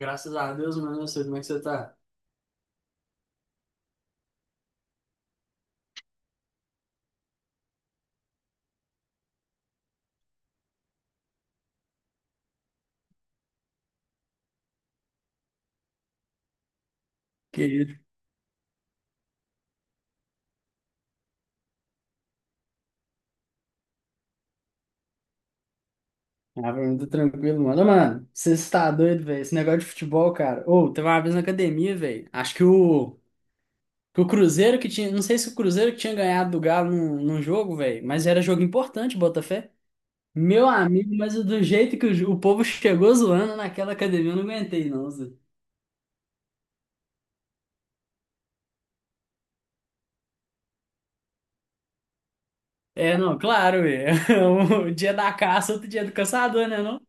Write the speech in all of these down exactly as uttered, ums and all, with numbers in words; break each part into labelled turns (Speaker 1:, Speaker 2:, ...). Speaker 1: Graças a Deus, mano. Eu sei como é que você tá. Que isso? Ah, pra mim tá tranquilo, mano. Ô, mano, você está doido, velho. Esse negócio de futebol, cara. Ô, teve uma vez na academia, velho. Acho que o, que o Cruzeiro que tinha. Não sei se o Cruzeiro que tinha ganhado do Galo num, num jogo, velho. Mas era jogo importante, Botafé. Meu amigo, mas do jeito que o, ju- o povo chegou zoando naquela academia, eu não aguentei, não, Zé. É, não, claro, velho. Um dia da caça, outro dia do caçador, né, não?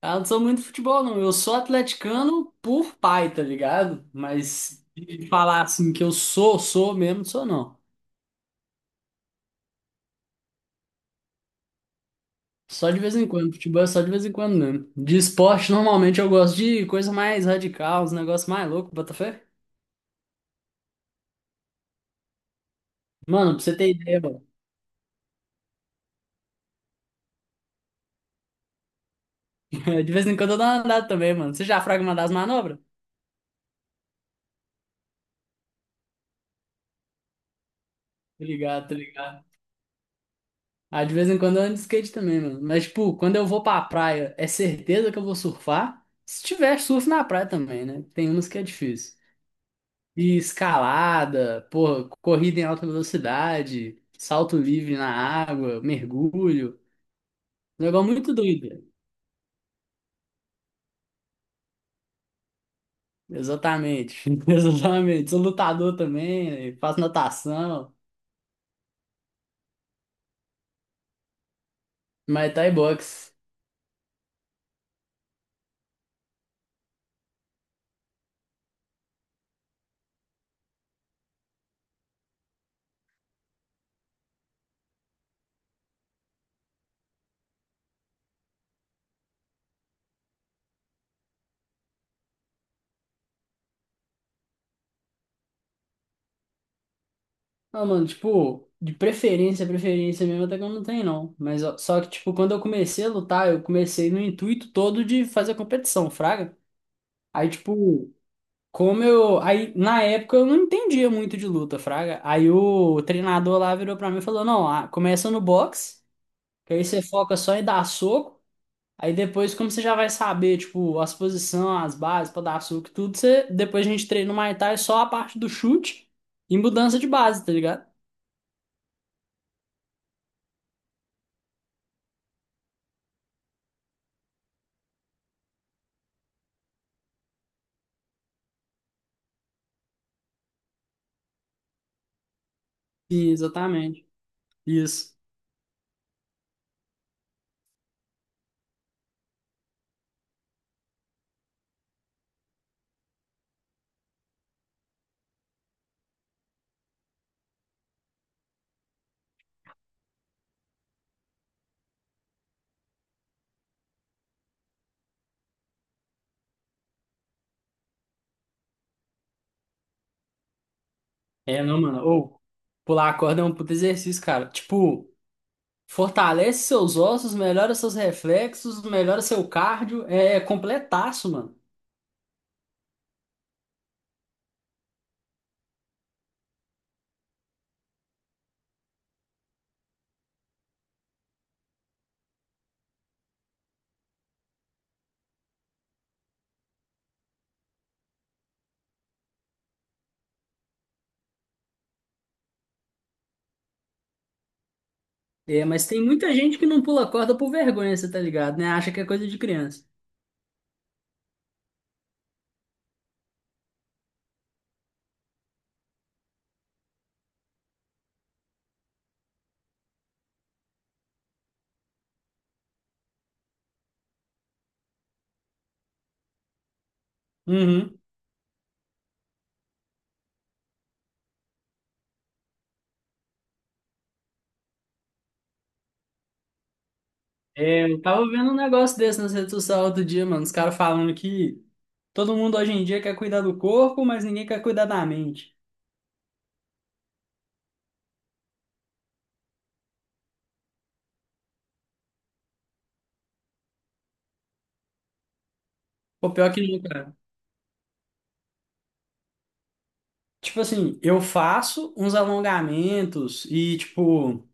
Speaker 1: Ah, não sou muito de futebol, não. Eu sou atleticano por pai, tá ligado? Mas de falar assim que eu sou, sou mesmo, sou não. Só de vez em quando. Futebol é só de vez em quando mesmo. De esporte, normalmente eu gosto de coisa mais radical, uns negócios mais loucos, Botafé. Mano, pra você ter ideia, mano. De vez em quando eu dou uma andada também, mano. Você já fraga uma das manobras? Tá ligado, tá ligado. Ah, de vez em quando eu ando de skate também, mano. Mas, tipo, quando eu vou pra praia, é certeza que eu vou surfar? Se tiver surf na praia também, né? Tem umas que é difícil. E escalada, porra, corrida em alta velocidade, salto livre na água, mergulho. Um negócio muito doido. Exatamente. Exatamente. Sou lutador também, né? Faço natação, Muay Thai, boxe. Ah, mano, tipo, de preferência, preferência mesmo, até que eu não tenho, não. Mas ó, só que, tipo, quando eu comecei a lutar, eu comecei no intuito todo de fazer competição, fraga. Aí, tipo, como eu. Aí, na época, eu não entendia muito de luta, fraga. Aí o treinador lá virou pra mim e falou: não, ah, começa no boxe, que aí você foca só em dar soco. Aí depois, como você já vai saber, tipo, as posições, as bases pra dar soco e tudo, você depois a gente treina no Muay Thai só a parte do chute e mudança de base, tá ligado? Sim, exatamente. Isso. É, não, mano. Ou pular a corda é um puto exercício, cara. Tipo. Fortalece seus ossos, melhora seus reflexos, melhora seu cardio. É é completaço, mano. É, mas tem muita gente que não pula corda por vergonha, você tá ligado, né? Acha que é coisa de criança. Uhum. É, eu tava vendo um negócio desse nas redes sociais outro dia, mano. Os caras falando que todo mundo hoje em dia quer cuidar do corpo, mas ninguém quer cuidar da mente. Pô, pior que não, cara. Tipo assim, eu faço uns alongamentos e, tipo.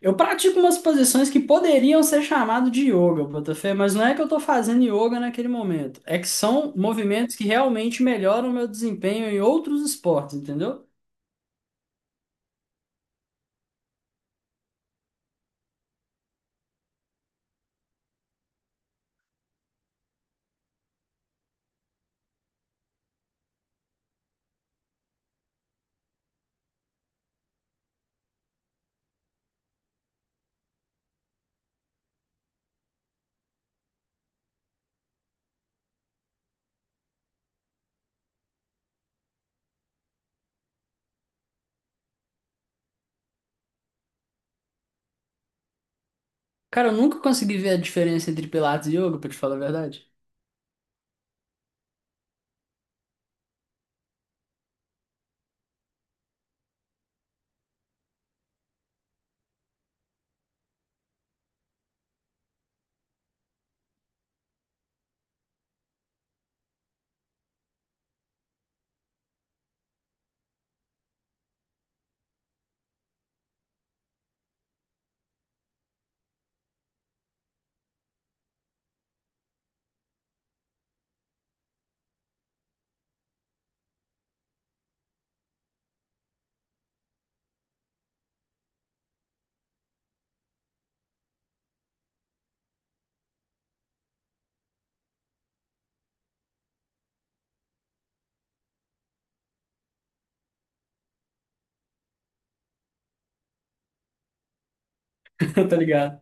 Speaker 1: Eu pratico umas posições que poderiam ser chamadas de yoga, Botafé, mas não é que eu estou fazendo yoga naquele momento. É que são movimentos que realmente melhoram o meu desempenho em outros esportes, entendeu? Cara, eu nunca consegui ver a diferença entre Pilates e yoga, pra te falar a verdade. Tá ligado?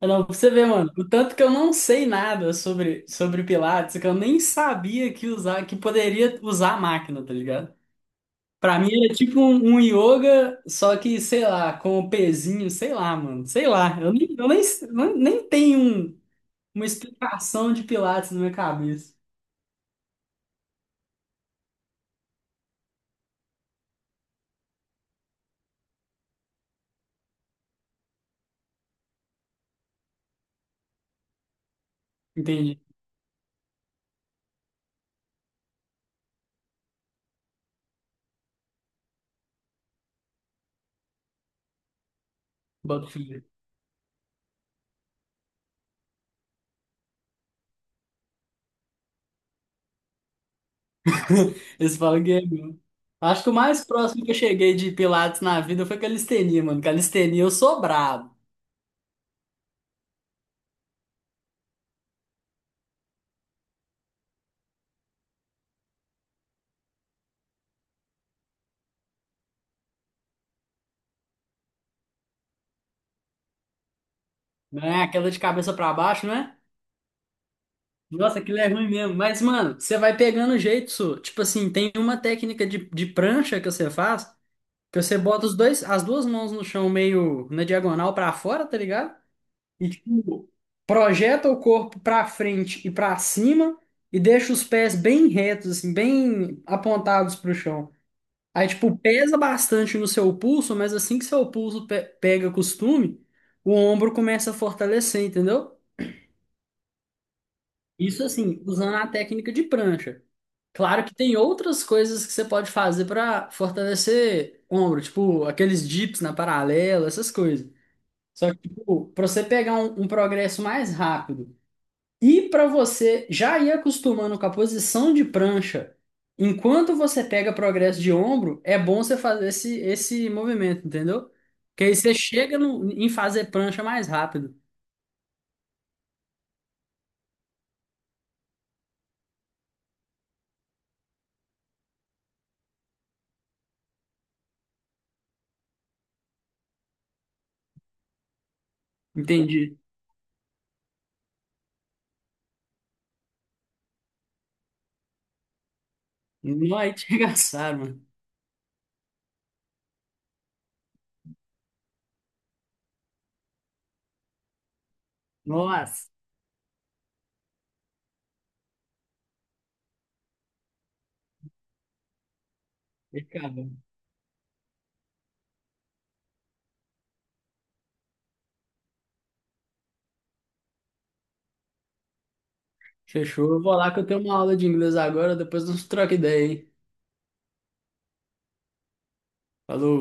Speaker 1: Ah, não, pra você ver, mano, o tanto que eu não sei nada sobre, sobre Pilates, que eu nem sabia que usar, que poderia usar a máquina, tá ligado? Pra mim era tipo um, um yoga, só que, sei lá, com o pezinho, sei lá, mano. Sei lá. Eu nem, eu nem, nem nem tenho um- uma explicação de Pilates na minha cabeça. Entendi. Boto fé. Eles falam que é mesmo. Acho que o mais próximo que eu cheguei de Pilates na vida foi calistenia, mano. Calistenia eu sou brabo, né? Aquela de cabeça pra baixo, né? Nossa, aquilo é ruim mesmo. Mas, mano, você vai pegando o jeito, Su. Tipo assim, tem uma técnica de, de prancha que você faz. Que você bota os dois, as duas mãos no chão meio na diagonal pra fora, tá ligado? E tipo, projeta o corpo pra frente e pra cima e deixa os pés bem retos, assim, bem apontados pro chão. Aí tipo, pesa bastante no seu pulso, mas assim que seu pulso pe- pega costume, o ombro começa a fortalecer, entendeu? Isso assim, usando a técnica de prancha. Claro que tem outras coisas que você pode fazer para fortalecer ombro, tipo aqueles dips na paralela, essas coisas. Só que, tipo, para você pegar um, um progresso mais rápido e para você já ir acostumando com a posição de prancha, enquanto você pega progresso de ombro, é bom você fazer esse, esse movimento, entendeu? Que aí você chega no- em fazer prancha mais rápido. Entendi. Não, aí te arregaçaram, mano. Nossa. E, cara, fechou. Eu vou lá que eu tenho uma aula de inglês agora, depois nós troca ideia, hein? Falou.